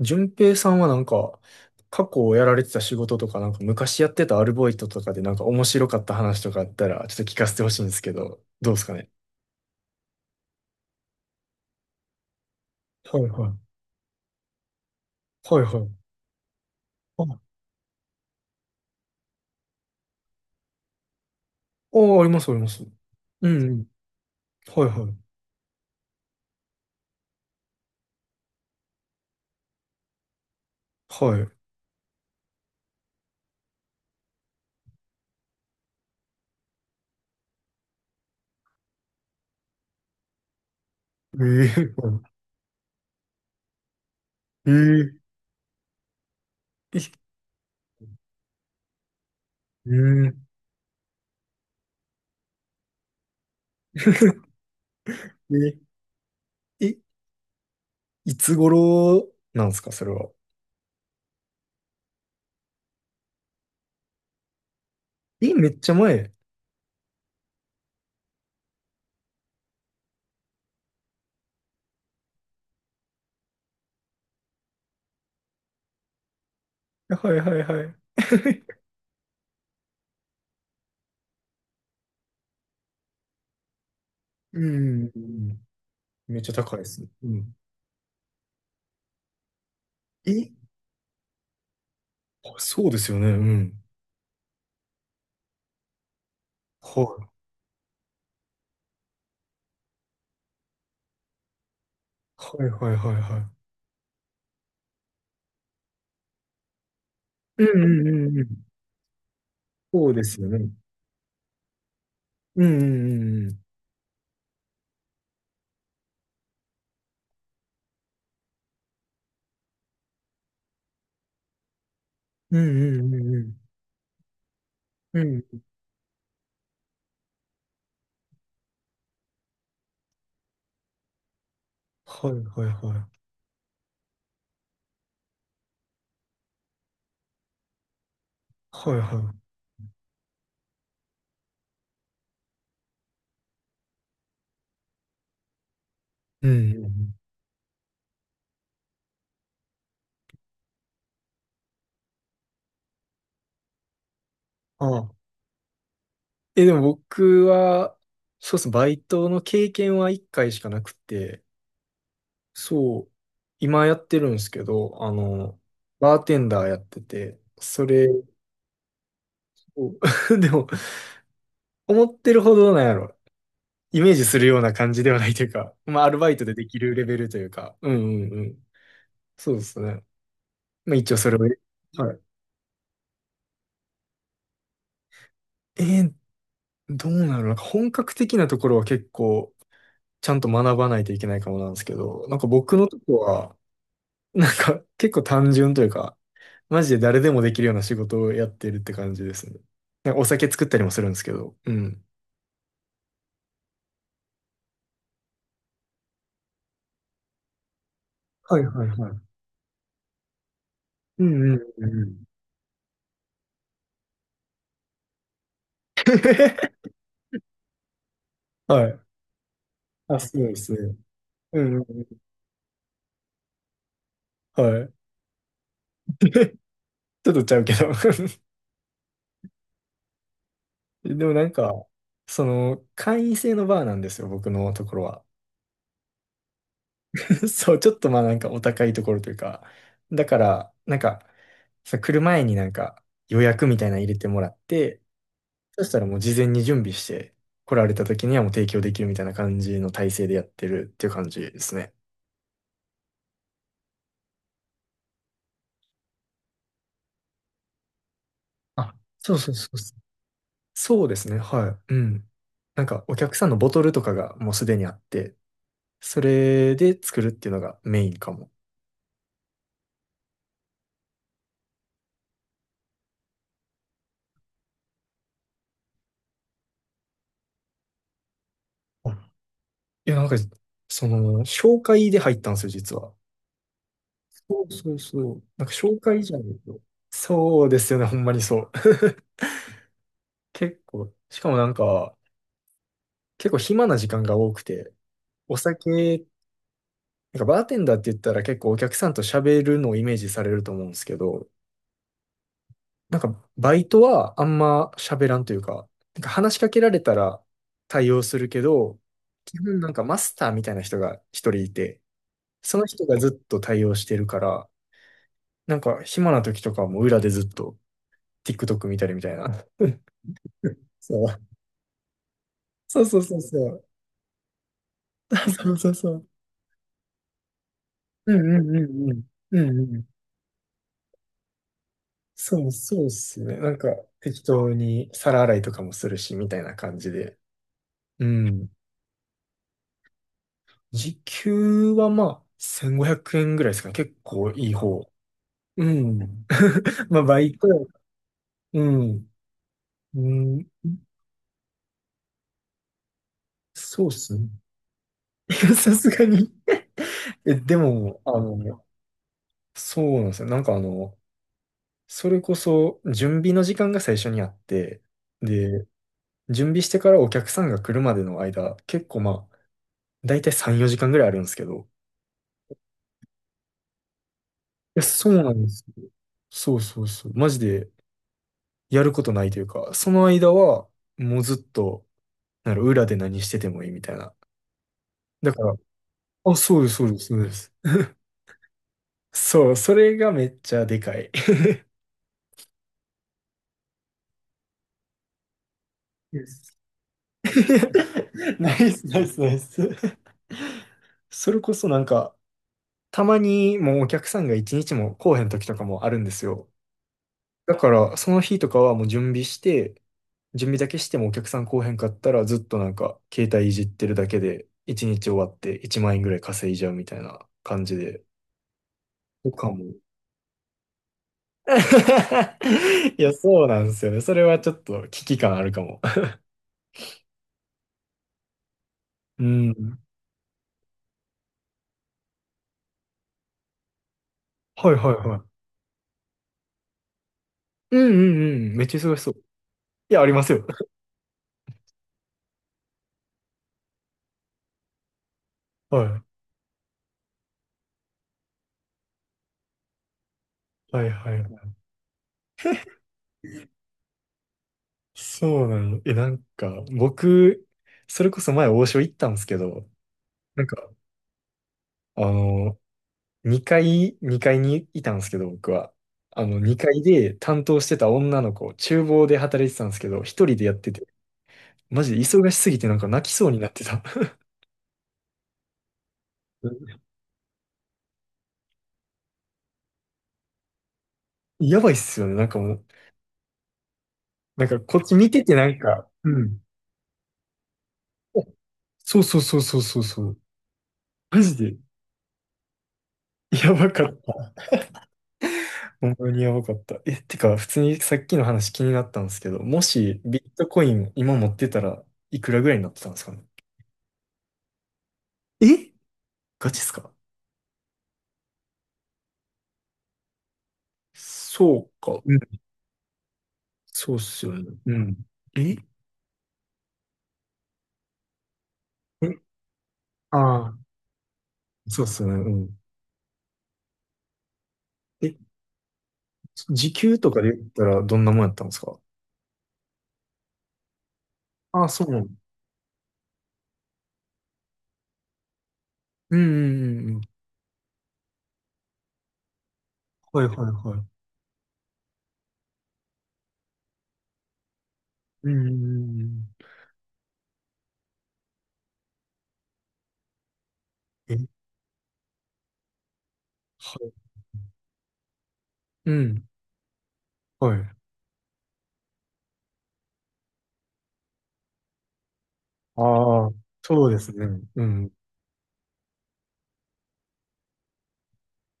順平さんはなんか、過去をやられてた仕事とか、なんか昔やってたアルバイトとかでなんか面白かった話とかあったら、ちょっと聞かせてほしいんですけど、どうですかね。はいはい。はいはい。あ、あ、あります、あります。うんうん。はいはい。はい。えええええええ え、いつ頃なんですか、それは。え、めっちゃ前。はいはいはい。うん。めっちゃ高いですね。うん。え、あ、そうですよね。うん。はい。はいはいはいはい。うんうんうんうん。そうですよね。うんうんうんうん。うんうんうんうん。うん。はいはいはい。はいはい。うんうんうん。ああ。え、でも僕は、そうですね、バイトの経験は1回しかなくて、そう、今やってるんですけど、バーテンダーやってて、それを、でも、思ってるほどなんやろ、イメージするような感じではないというか、まあ、アルバイトでできるレベルというか、うんうんうん。そうですね。まあ一応それを。はい。えー、どうなるのか本格的なところは結構ちゃんと学ばないといけないかもなんですけど、なんか僕のとこは、なんか結構単純というか、マジで誰でもできるような仕事をやってるって感じですね。なんかお酒作ったりもするんですけど。うん。はいはいはい。うんうんうんうん。はい。あ、そうですね。うんうんうん。はい。ちょっとちゃうけど。 でもなんか、その、会員制のバーなんですよ、僕のところは。そう、ちょっとまあなんかお高いところというか、だから、なんか、さ、来る前になんか予約みたいなの入れてもらって、そしたらもう事前に準備して、来られた時にはもう提供できるみたいな感じの体制でやってるっていう感じですね。あ、そうそうそうそう。そうですね、はい。うん。なんかお客さんのボトルとかがもうすでにあって、それで作るっていうのがメインかも。あ、いや、なんか、その、紹介で入ったんですよ、実は。そうそうそう。なんか紹介じゃないと。そうですよね、ほんまにそう。結構、しかもなんか、結構暇な時間が多くて、お酒、なんかバーテンダーって言ったら結構お客さんと喋るのをイメージされると思うんですけど、なんかバイトはあんま喋らんというか、なんか話しかけられたら対応するけど、基本なんかマスターみたいな人が一人いて、その人がずっと対応してるから、なんか暇な時とかも裏でずっと TikTok 見たりみたいな。そうそうそうそうそう。そうそうそう。うんうんうんうん。うんうん。そうそうっすね。なんか適当に皿洗いとかもするし、みたいな感じで。うん。時給はまあ、1500円ぐらいですかね。結構いい方。うん。まあ、バイト。うん。うん。そうっすね。さすがに。え、でも、あの、そうなんですよ。それこそ準備の時間が最初にあって、で、準備してからお客さんが来るまでの間、結構まあ、だいたい3、4時間ぐらいあるんですけど。いや、そうなんです、そうそうそう。マジでやることないというか、その間はもうずっと、なんか裏で何しててもいいみたいな。だから、あ、そうです、そうです、そうです。そう、それがめっちゃでかい。です。 ナイス、ナイス、ナイス。それこそなんか、たまにもうお客さんが一日も来おへん時とかもあるんですよ。だから、その日とかはもう準備して、準備だけしてもお客さん来おへんかったらずっとなんか携帯いじってるだけで1日終わって1万円ぐらい稼いじゃうみたいな感じで。とかも。いや、そうなんですよね。それはちょっと危機感あるかも。うん。はいはいはい。うんうんうん。めっちゃ忙しそう。いや、ありますよ。はい。はいはいはい。そうなの。え、なんか、僕、それこそ前王将行ったんですけど、なんか、あの2階にいたんですけど、僕は。あの、2階で担当してた女の子、厨房で働いてたんですけど、一人でやってて、マジで忙しすぎてなんか泣きそうになってた。やばいっすよね、なんかもう。なんかこっち見ててなんか、うん。そうそうそうそうそうそう。マジで、やばかった。ほんまにやばかった。え、てか、普通にさっきの話気になったんですけど、もしビットコイン今持ってたらいくらぐらいになってたんですかね。え、ガチっすか。そうか。そうっすよね。うん。ええ、ああ、そうっすよね。うん。え、時給とかで言ったらどんなもんやったんですか。ああ、そうなの。うん、うん、うん。うん、はいはいはい。うん、うん、うん。え、はい。うん、はい。ああ、そうですね。うん。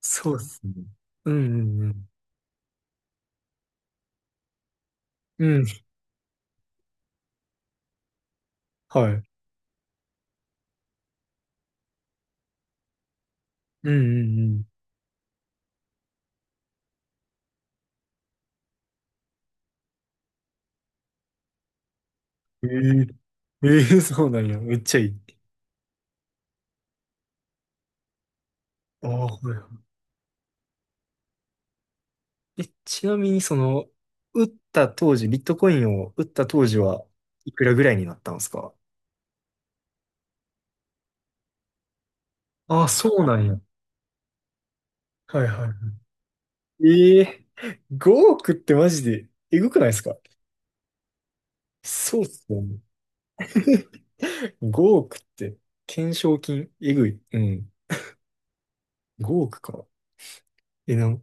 そうっすね。うん、うん、うん。うん、はい。うん、うん、うん。ええ、ええ、そうなんや。めっちゃいい。ああ、はい。で、ちなみにその、売った当時、ビットコインを売った当時はいくらぐらいになったんですか。ああ、そうなんや。はいはい。ええ、5億ってマジでえぐくないですか。そうっすよね。5億って、懸賞金、えぐい。うん。5億か。え、なん、